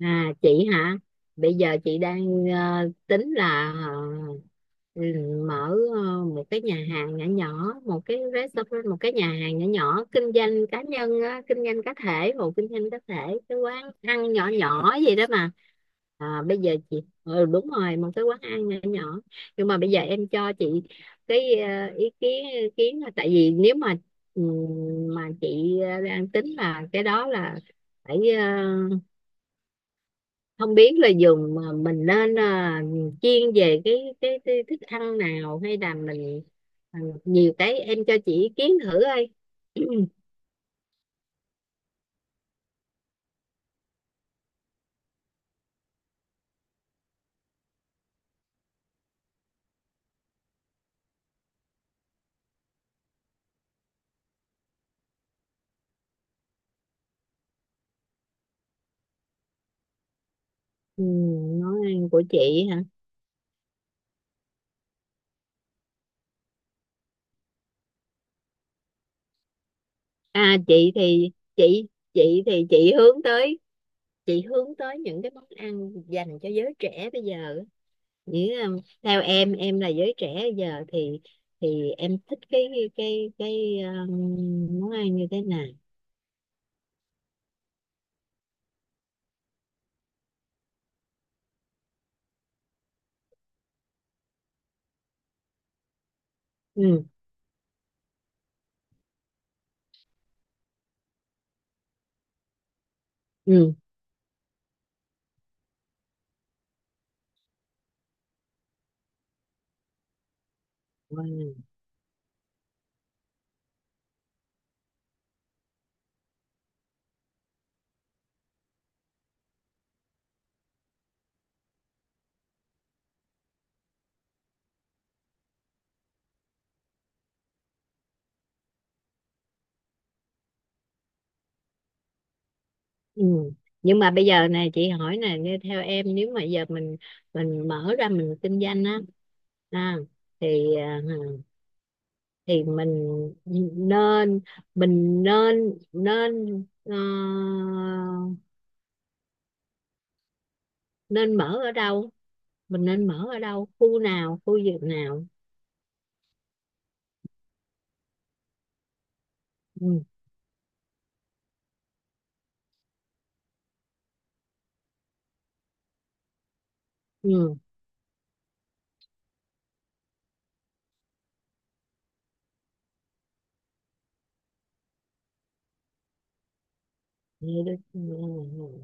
À chị hả? Bây giờ chị đang tính là ờ, mở một cái nhà hàng nhỏ nhỏ, một cái restaurant, một cái nhà hàng nhỏ nhỏ kinh doanh cá nhân á, kinh doanh cá thể, hộ kinh doanh cá thể, cái quán ăn nhỏ nhỏ gì đó mà. À, bây giờ chị ừ, đúng rồi, một cái quán ăn nhỏ nhỏ. Nhưng mà bây giờ em cho chị cái ý kiến là tại vì nếu mà chị đang tính là cái đó là phải không biết là dùng mà mình nên à, chiên về cái thức ăn nào hay là mình à, nhiều cái em cho chị ý kiến thử ơi ừ, món ăn của chị hả à chị thì chị hướng tới những cái món ăn dành cho giới trẻ bây giờ những theo em là giới trẻ bây giờ thì em thích cái món ăn như thế nào. Ừ. Ừ. Wow. Ừ. Nhưng mà bây giờ này chị hỏi nè nghe theo em nếu mà giờ mình mở ra mình kinh doanh á, à, à, thì nên mình nên nên nên mở ở đâu, khu nào khu vực nào? Ừ. Ừ. Vậy đó. Ừ. Ừ. Ừ.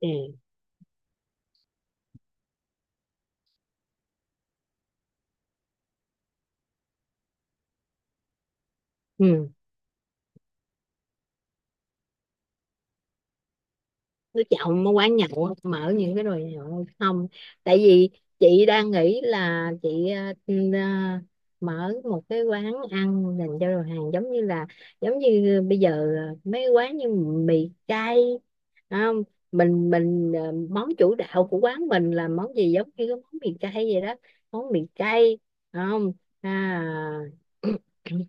Ok. Ừ. Đứa chồng nó quán nhậu mở những cái đồ nhậu không, tại vì chị đang nghĩ là chị mở một cái quán ăn dành cho đồ hàng giống như là giống như bây giờ mấy quán như mì cay, phải không? Mình món chủ đạo của quán mình là món gì giống như cái món mì cay vậy đó, món mì cay, phải không? À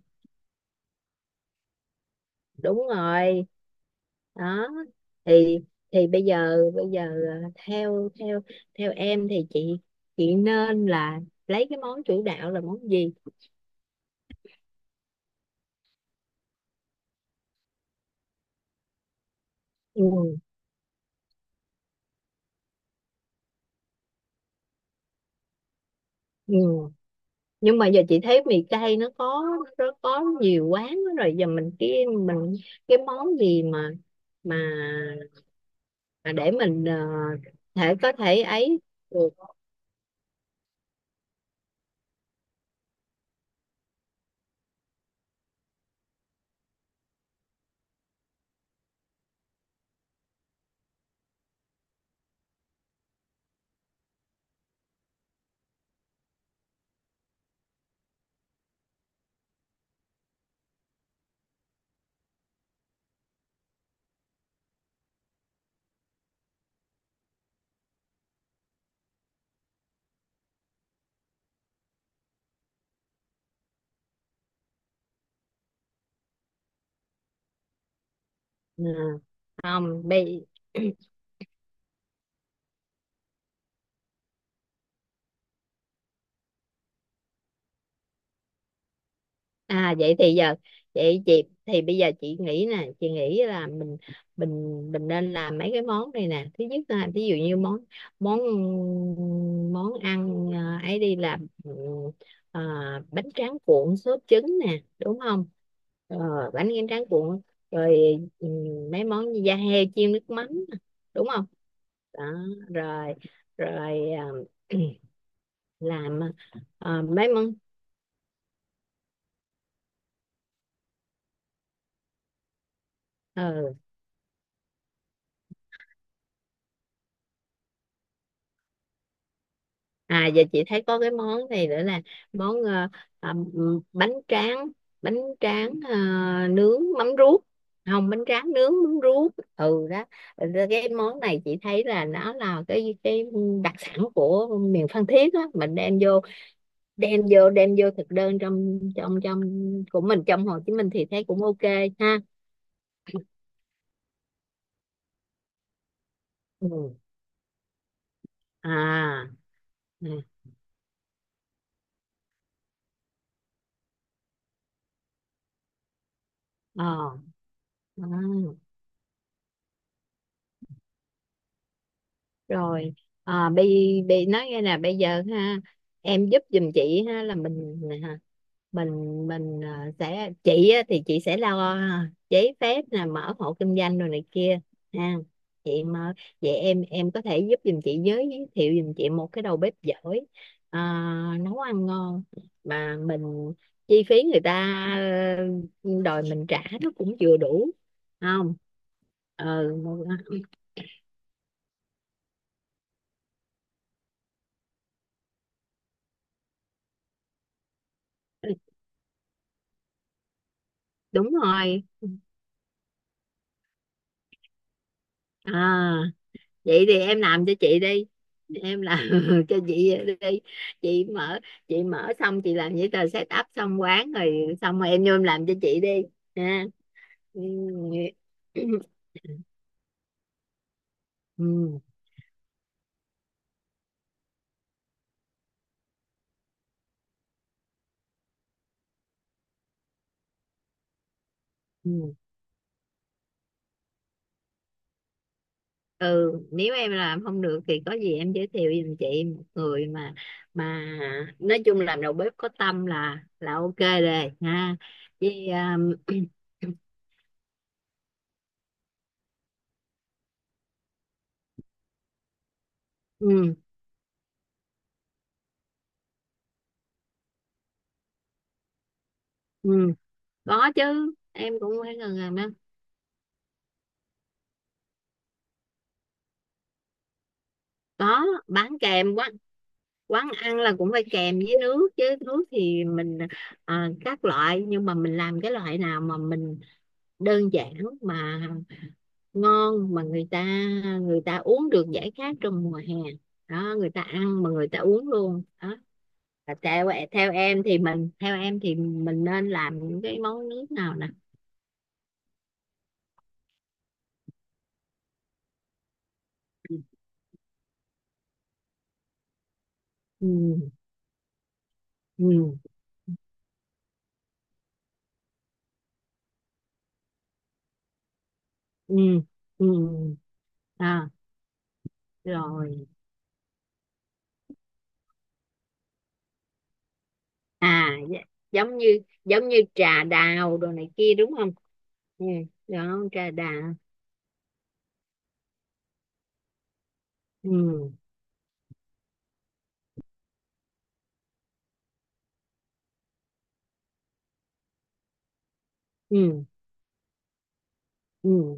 đúng rồi. Đó, thì bây giờ ờ, theo theo theo em thì chị nên là lấy cái món chủ đạo là món gì. Ừ. Ừ. Nhưng mà giờ chị thấy mì cay nó có nhiều quán lắm rồi, giờ mình mình cái món gì mà mà mà để mình thể có thể ấy được. Ờ, không bây à vậy thì giờ vậy chị thì bây giờ chị nghĩ nè, chị nghĩ là mình mình nên làm mấy cái món này nè. Thứ nhất là ví dụ như món món món ăn à, ấy đi làm ừ, à, bánh tráng cuộn sốt trứng nè, đúng không? Ờ, bánh tráng tráng cuộn rồi ừ, mấy món như da heo chiên nước mắm nè, đúng không? Đó, rồi rồi à, làm à, mấy món ờ, à giờ chị thấy có cái món này nữa là món ờ, à, m- bánh tráng bánh tráng ờ, nướng mắm ruốc không, bánh tráng nướng mắm ruốc ừ đó. Rồi cái món này chị thấy là nó là cái đặc sản của miền Phan Thiết á, mình đem vô đem vô thực đơn trong trong trong của mình trong Hồ Chí Minh thì thấy cũng ok ha. Ừ. À. Ừ. Ờ. À. Rồi à, bị nói nghe nè bây giờ ha em giúp giùm chị ha là mình à, mình mình à, sẽ chị á, thì chị sẽ lo à, giấy phép nè mở hộ kinh doanh rồi này kia ha chị mà vậy em có thể giúp giùm chị giới thiệu giùm chị một cái đầu bếp giỏi à, nấu ăn ngon mà mình chi phí người ta ờ, đòi mình trả nó cũng vừa đủ không. Ừ, đúng rồi à vậy thì em làm cho chị đi, em làm cho chị đi, chị mở xong chị làm giấy tờ set up xong quán rồi xong rồi em vô em làm cho chị đi ha. Ừ. Ừ. Ừ. Ừ, nếu em làm không được thì có gì em giới thiệu giùm chị một người mà mà nói chung làm đầu bếp có tâm là ok rồi ha vì ừ, ừ. Có chứ, em cũng phải gần gần đó có bán kèm quán, quán ăn là cũng phải kèm với nước chứ, nước thì mình à, các loại nhưng mà mình làm cái loại nào mà mình đơn giản mà ngon mà người ta uống được giải khát trong mùa hè, đó người ta ăn mà người ta uống luôn đó. Và theo theo em thì mình theo em thì mình nên làm những cái món nước nào nè. Ừ. Ừ. Ừ. Ừ. À, rồi à dạ, giống như trà đào đồ này kia đúng không. Ừ, đó trà đào. Ừ. Ừ. Ừ.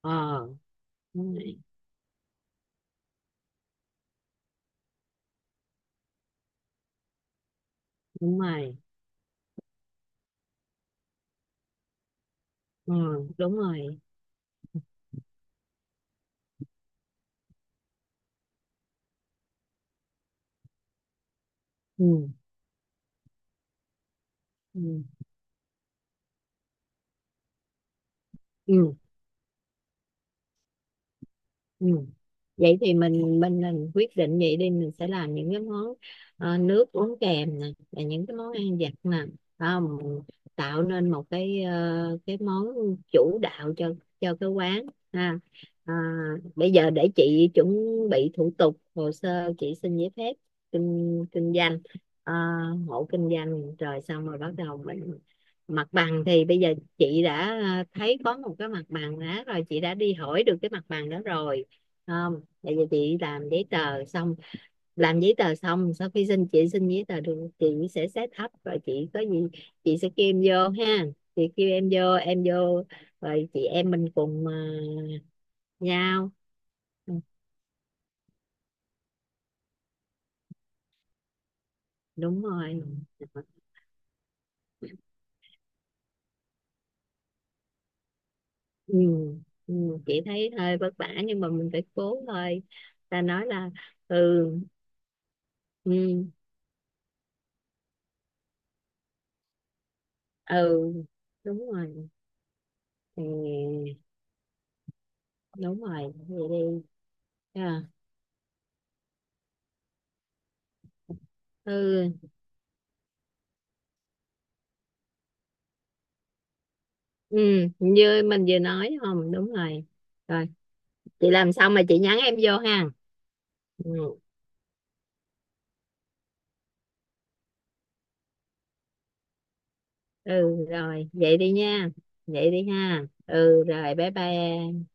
Ờ. Đúng rồi, đúng rồi, ừ, đúng rồi. Ừ. Ừ. Ừ. Ừ. Vậy thì mình quyết định vậy đi, mình sẽ làm những cái món ờ, nước uống kèm nè và những cái món ăn vặt nè. Phải không mình tạo nên một cái ờ, cái món chủ đạo cho cái quán ha. À, bây giờ để chị chuẩn bị thủ tục hồ sơ chị xin giấy phép kinh kinh doanh ờ, hộ kinh doanh rồi xong rồi bắt đầu mình mặt bằng thì bây giờ chị đã thấy có một cái mặt bằng đó rồi, chị đã đi hỏi được cái mặt bằng đó rồi không, tại vì chị làm giấy tờ xong, làm giấy tờ xong sau khi xin chị xin giấy tờ được chị sẽ set up rồi chị có gì chị sẽ kêu em vô ha, chị kêu em vô rồi chị em mình cùng ờ, nhau. Ừ, đúng rồi. Ừ. Ừ. Chị thấy hơi vất vả nhưng mà mình phải cố thôi, ta nói là ừ ừ ừ đúng rồi ừ, đúng rồi vậy đi à, ừ ừ như mình vừa nói không đúng rồi, rồi chị làm xong mà chị nhắn em vô ha ừ, ừ rồi vậy đi nha, vậy đi ha ừ rồi bye bye em.